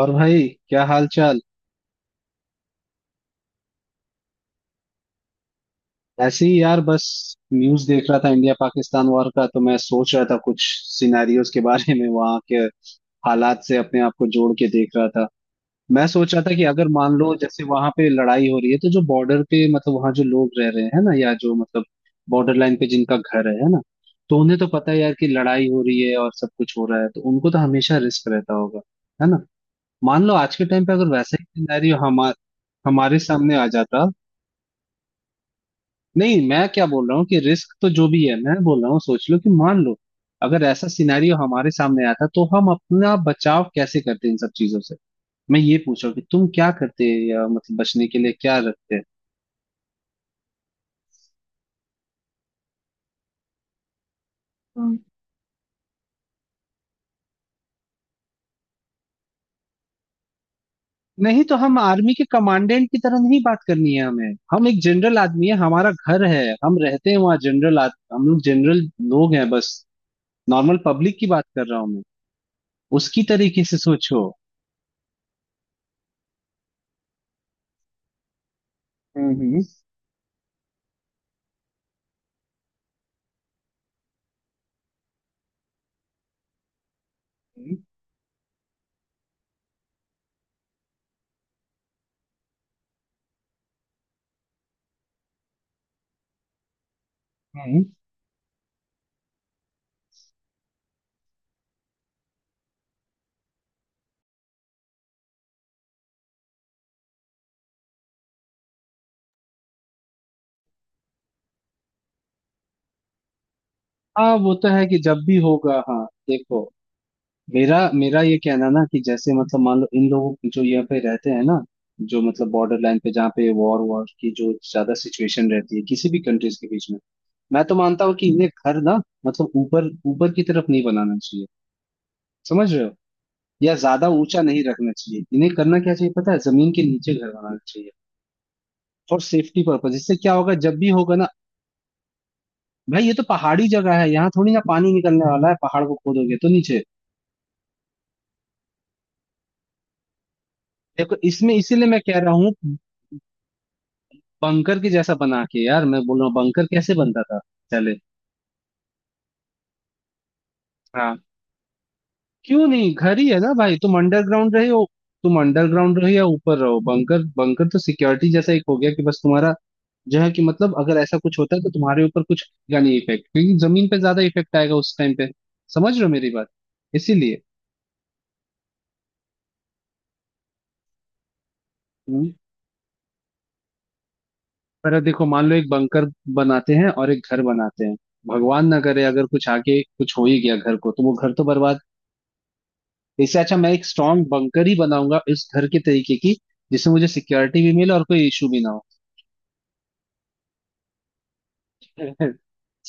और भाई, क्या हाल चाल। ऐसे ही यार, बस न्यूज देख रहा था इंडिया पाकिस्तान वॉर का। तो मैं सोच रहा था कुछ सिनेरियोज के बारे में, वहां के हालात से अपने आप को जोड़ के देख रहा था। मैं सोच रहा था कि अगर मान लो जैसे वहां पे लड़ाई हो रही है, तो जो बॉर्डर पे, मतलब वहां जो लोग रह रहे हैं ना, या जो मतलब बॉर्डर लाइन पे जिनका घर है ना। तो उन्हें तो पता है यार कि लड़ाई हो रही है और सब कुछ हो रहा है, तो उनको तो हमेशा रिस्क रहता होगा, है ना। मान लो आज के टाइम पे अगर वैसा ही सिनेरियो हमारे हमारे सामने आ जाता। नहीं, मैं क्या बोल रहा हूँ कि रिस्क तो जो भी है, मैं बोल रहा हूँ सोच लो कि मान लो अगर ऐसा सिनेरियो हमारे सामने आता तो हम अपना बचाव कैसे करते इन सब चीजों से। मैं ये पूछ रहा हूँ कि तुम क्या करते, या मतलब बचने के लिए क्या रखते हैं। हम्म। नहीं, तो हम आर्मी के कमांडेंट की तरह नहीं बात करनी है हमें। हम एक जनरल आदमी है, हमारा घर है, हम रहते हैं वहाँ। हम लोग जनरल लोग हैं बस। नॉर्मल पब्लिक की बात कर रहा हूँ मैं। उसकी तरीके से सोचो। हम्म। हम्म, हम्म। हाँ, वो तो है कि जब भी होगा। हाँ, देखो मेरा, ये कहना ना कि जैसे मतलब मान लो इन लोगों, जो यहाँ पे रहते हैं ना, जो मतलब बॉर्डर लाइन पे जहाँ पे वॉर वॉर की जो ज्यादा सिचुएशन रहती है किसी भी कंट्रीज के बीच में। मैं तो मानता हूँ कि इन्हें घर ना, मतलब ऊपर ऊपर की तरफ नहीं बनाना चाहिए। समझ रहे हो, या ज्यादा ऊंचा नहीं रखना चाहिए। इन्हें करना क्या चाहिए पता है, जमीन के नीचे घर बनाना चाहिए, फॉर सेफ्टी पर्पज। इससे क्या होगा जब भी होगा ना। भाई ये तो पहाड़ी जगह है, यहाँ थोड़ी ना पानी निकलने वाला है। पहाड़ को खोदोगे तो नीचे। देखो इसमें, इसीलिए मैं कह रहा हूँ बंकर के जैसा बना के। यार मैं बोल रहा हूँ बंकर कैसे बनता था पहले। हाँ, क्यों नहीं, घर ही है ना भाई। तुम अंडरग्राउंड रहे हो, तुम अंडरग्राउंड रहो या ऊपर रहो। बंकर बंकर तो सिक्योरिटी जैसा एक हो गया कि बस तुम्हारा जो है, कि मतलब अगर ऐसा कुछ होता है तो तुम्हारे ऊपर कुछ का नहीं इफेक्ट, क्योंकि जमीन पे ज्यादा इफेक्ट आएगा उस टाइम पे। समझ रहे हो मेरी बात, इसीलिए। हम्म, पर देखो मान लो एक बंकर बनाते हैं और एक घर बनाते हैं, भगवान ना करे अगर कुछ आगे कुछ हो ही गया घर को, तो वो घर तो बर्बाद। इससे अच्छा मैं एक स्ट्रांग बंकर ही बनाऊंगा इस घर के तरीके की, जिससे मुझे सिक्योरिटी भी मिले और कोई इशू भी ना हो।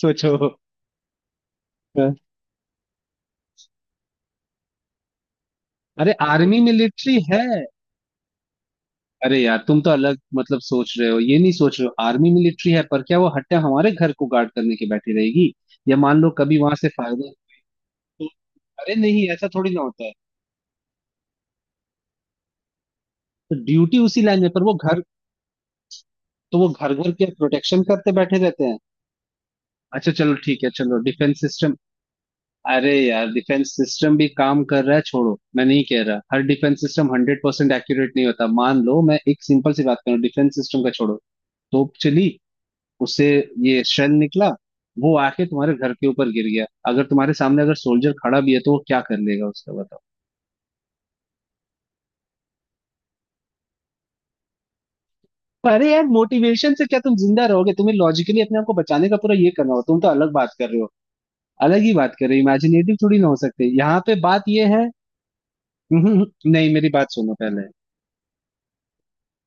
सोचो। अरे आर्मी मिलिट्री है। अरे यार तुम तो अलग मतलब सोच रहे हो, ये नहीं सोच रहे हो। आर्मी मिलिट्री है, पर क्या वो हट्टा हमारे घर को गार्ड करने के बैठी रहेगी, या मान लो कभी वहां से फायदा। तो अरे नहीं, ऐसा थोड़ी ना होता है। तो ड्यूटी उसी लाइन में, पर वो घर, तो वो घर, घर के प्रोटेक्शन करते बैठे रहते हैं। अच्छा चलो ठीक है, चलो डिफेंस सिस्टम। अरे यार डिफेंस सिस्टम भी काम कर रहा है, छोड़ो। मैं नहीं कह रहा, हर defence system hundred percent accurate नहीं होता। मान लो मैं एक सिंपल सी बात करूँ डिफेंस सिस्टम का, छोड़ो। तोप चली, उससे ये शेल निकला, वो आके तुम्हारे घर के ऊपर गिर गया। अगर तुम्हारे सामने अगर सोल्जर खड़ा भी है तो वो क्या कर लेगा उसका, बताओ। अरे यार मोटिवेशन से क्या तुम जिंदा रहोगे। तुम्हें लॉजिकली अपने आप को बचाने का पूरा ये करना हो। तुम तो अलग बात कर रहे हो, अलग ही बात कर रहे हो। इमेजिनेटिव थोड़ी ना हो सकते, यहाँ पे बात ये है। नहीं मेरी बात सुनो पहले।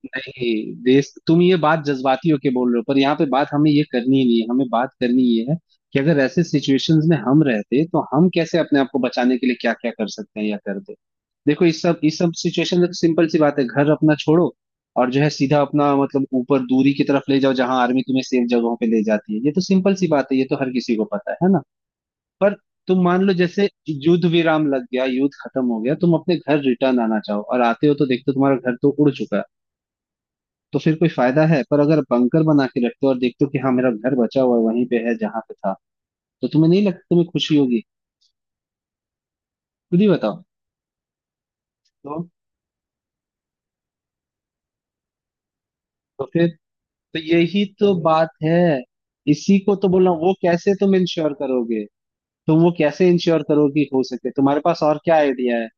नहीं, देश, तुम ये बात जज्बाती होके बोल रहे हो, पर यहाँ पे बात हमें ये करनी ही नहीं है। हमें बात करनी ये है कि अगर ऐसे सिचुएशंस में हम रहते तो हम कैसे अपने आप को बचाने के लिए क्या क्या कर सकते हैं या करते। देखो इस सब सिचुएशन में सिंपल सी बात है, घर अपना छोड़ो और जो है सीधा अपना मतलब ऊपर दूरी की तरफ ले जाओ, जहां आर्मी तुम्हें सेफ जगहों पे ले जाती है। ये तो सिंपल सी बात है, ये तो हर किसी को पता है ना। पर तुम मान लो जैसे युद्ध विराम लग गया, युद्ध खत्म हो गया, तुम अपने घर रिटर्न आना चाहो, और आते हो तो देखते हो तुम्हारा घर तो उड़ चुका है, तो फिर कोई फायदा है। पर अगर बंकर बना के रखते हो और देखते हो कि हाँ, मेरा घर बचा हुआ है, वहीं पे है जहां पे था, तो तुम्हें नहीं लगता तुम्हें खुशी होगी। खुद ही बताओ। तो तो फिर तो यही तो बात है। इसी को तो बोल रहा हूँ, वो कैसे तुम इंश्योर करोगे। तुम वो कैसे इंश्योर करो कि, हो सके तुम्हारे पास और क्या आइडिया है।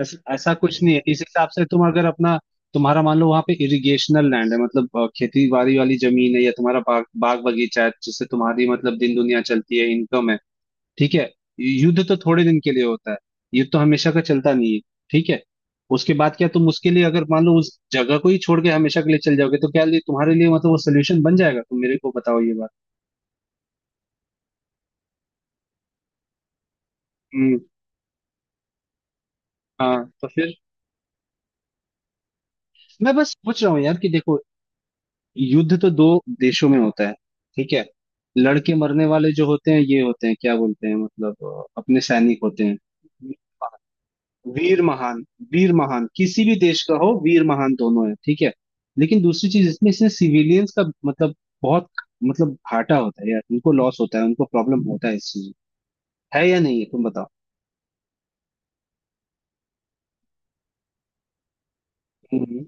ऐसा ऐसा कुछ नहीं है। इस हिसाब से तुम अगर अपना, तुम्हारा मान लो वहां पे इरिगेशनल लैंड है, मतलब खेती बाड़ी वाली जमीन है, या तुम्हारा बाग, बाग बगीचा है, जिससे तुम्हारी मतलब दिन दुनिया चलती है, इनकम है। ठीक है, युद्ध तो थोड़े दिन के लिए होता है, युद्ध तो हमेशा का चलता नहीं है, ठीक है। उसके बाद क्या तुम उसके लिए, अगर मान लो उस जगह को ही छोड़ के हमेशा के लिए चल जाओगे, तो क्या लिए तुम्हारे लिए मतलब वो सोल्यूशन बन जाएगा, तुम मेरे को बताओ ये बात। हम्म। हाँ तो फिर मैं बस पूछ रहा हूँ यार, कि देखो युद्ध तो दो देशों में होता है, ठीक है। लड़के मरने वाले जो होते हैं, ये होते हैं, क्या बोलते हैं मतलब अपने सैनिक होते हैं, वीर महान। वीर महान किसी भी देश का हो, वीर महान दोनों है, ठीक है। लेकिन दूसरी चीज इसमें, इसने सिविलियंस का मतलब बहुत मतलब घाटा होता है यार, उनको लॉस होता है, उनको प्रॉब्लम होता है इस चीज, है या नहीं है तुम बताओ। हम्म,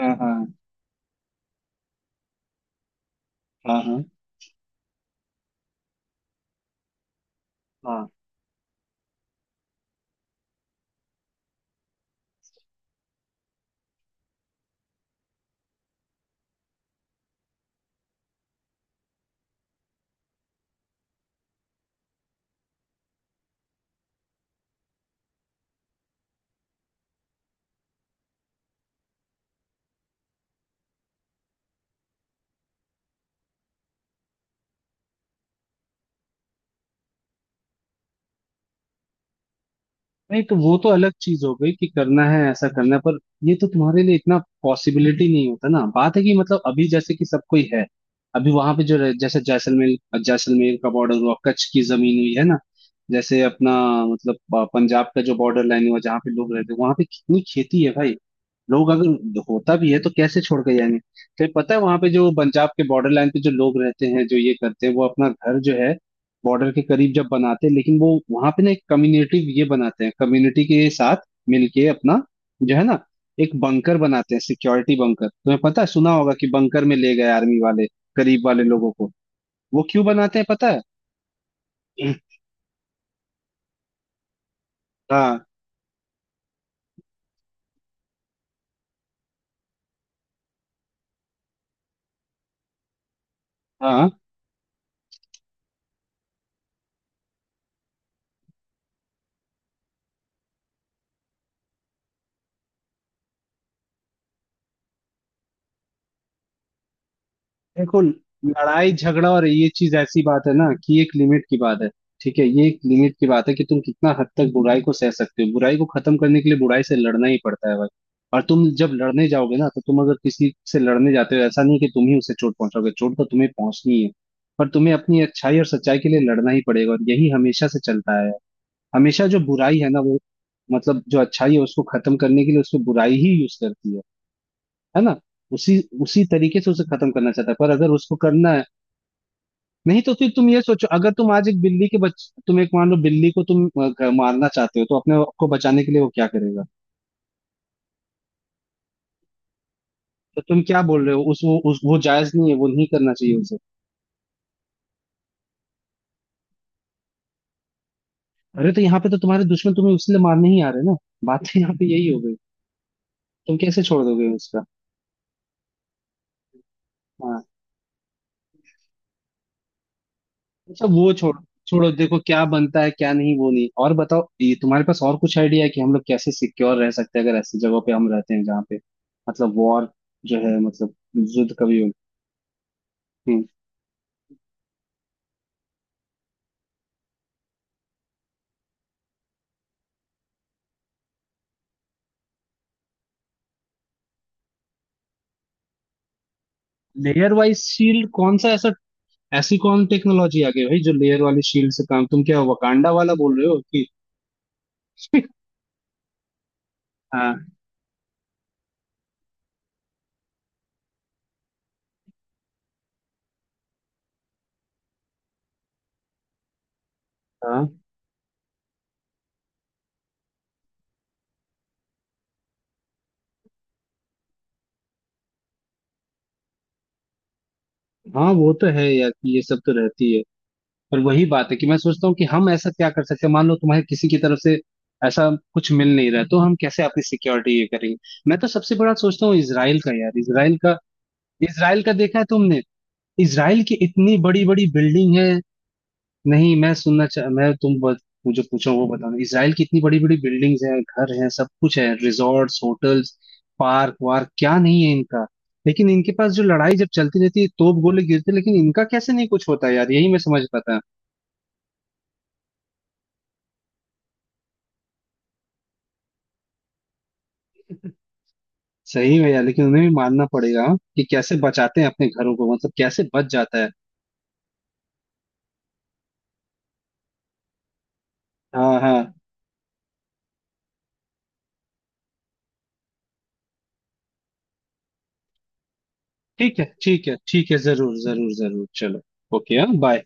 हाँ, हाँ। हाँ, हाँ। नहीं तो वो तो अलग चीज हो गई कि करना है ऐसा करना है। पर ये तो तुम्हारे लिए इतना पॉसिबिलिटी नहीं होता ना, बात है कि मतलब अभी जैसे कि सब कोई है। अभी वहां पे जो जैसे जैसलमेर, जैसलमेर का बॉर्डर हुआ, कच्छ की जमीन हुई है ना, जैसे अपना मतलब पंजाब का जो बॉर्डर लाइन हुआ, जहाँ पे लोग रहते हैं, वहां पे कितनी खेती है भाई। लोग अगर होता भी है तो कैसे छोड़ के जाएंगे। तो पता है वहां पे जो पंजाब के बॉर्डर लाइन पे जो लोग रहते हैं, जो ये करते हैं, वो अपना घर जो है बॉर्डर के करीब जब बनाते हैं, लेकिन वो वहां पे ना एक कम्युनिटी ये बनाते हैं। कम्युनिटी के साथ मिलके अपना जो है ना, एक बंकर बनाते हैं, सिक्योरिटी बंकर। तुम्हें पता है, सुना होगा कि बंकर में ले गए आर्मी वाले करीब वाले लोगों को। वो क्यों बनाते हैं पता है। हाँ, हाँ। देखो लड़ाई झगड़ा और ये चीज ऐसी बात है ना कि एक लिमिट की बात है। ठीक है, ये एक लिमिट की बात है कि तुम कितना हद तक बुराई को सह सकते हो। बुराई को खत्म करने के लिए बुराई से लड़ना ही पड़ता है भाई। और तुम जब लड़ने जाओगे ना, तो तुम अगर किसी से लड़ने जाते हो, ऐसा नहीं कि तुम ही उसे चोट पहुंचाओगे, चोट तो तुम्हें पहुंचनी है। पर तुम्हें अपनी अच्छाई और सच्चाई के लिए लड़ना ही पड़ेगा, और यही हमेशा से चलता आया है। हमेशा जो बुराई है ना वो, मतलब जो अच्छाई है उसको खत्म करने के लिए उसको बुराई ही यूज करती है ना। उसी उसी तरीके से उसे खत्म करना चाहता है, पर अगर उसको करना है। नहीं, तो फिर तुम ये सोचो, अगर तुम आज एक बिल्ली के बच तुम एक मान लो बिल्ली को तुम मारना चाहते हो, तो अपने आप को बचाने के लिए वो क्या करेगा। तो तुम क्या बोल रहे हो उस, वो उस, वो जायज नहीं है, वो नहीं करना चाहिए उसे। अरे तो यहाँ पे तो तुम्हारे दुश्मन तुम्हें उसलिए मारने ही आ रहे हैं ना, बात तो यहाँ पे यही हो गई। तुम कैसे छोड़ दोगे उसका। हाँ, अच्छा वो छोड़, छोड़ो, देखो क्या बनता है क्या नहीं वो नहीं। और बताओ, ये तुम्हारे पास और कुछ आइडिया है कि हम लोग कैसे सिक्योर रह सकते हैं, अगर ऐसी जगहों पे हम रहते हैं जहाँ पे मतलब वॉर जो है मतलब युद्ध कभी हो। हम्म। लेयर वाइज शील्ड, कौन सा ऐसा, ऐसी कौन टेक्नोलॉजी आ गई भाई, जो लेयर वाली शील्ड से काम? तुम क्या वकांडा वाला बोल रहे हो कि। हाँ, हाँ। हाँ वो तो है यार कि ये सब तो रहती है। पर वही बात है कि मैं सोचता हूँ कि हम ऐसा क्या कर सकते हैं, मान लो तुम्हें किसी की तरफ से ऐसा कुछ मिल नहीं रहा है, तो हम कैसे अपनी सिक्योरिटी ये करेंगे। मैं तो सबसे बड़ा सोचता हूँ इसराइल का, यार इसराइल का। इसराइल का देखा है तुमने, इसराइल की इतनी बड़ी बड़ी बिल्डिंग है। नहीं मैं सुनना चाह, मैं, तुम बस मुझे पूछो वो बताओ। इसराइल की इतनी बड़ी बड़ी बिल्डिंग्स हैं, घर हैं, सब कुछ है, रिजॉर्ट्स, होटल्स, पार्क वार्क क्या नहीं है इनका। लेकिन इनके पास जो लड़ाई जब चलती रहती है, तोप गोले गिरते, लेकिन इनका कैसे नहीं कुछ होता यार, यही मैं समझ पाता। सही है यार, लेकिन उन्हें भी मानना पड़ेगा हाँ, कि कैसे बचाते हैं अपने घरों को, मतलब कैसे बच जाता है। हाँ, हाँ। ठीक है, ठीक है, ठीक है, जरूर जरूर जरूर, चलो। ओके, हाँ, बाय।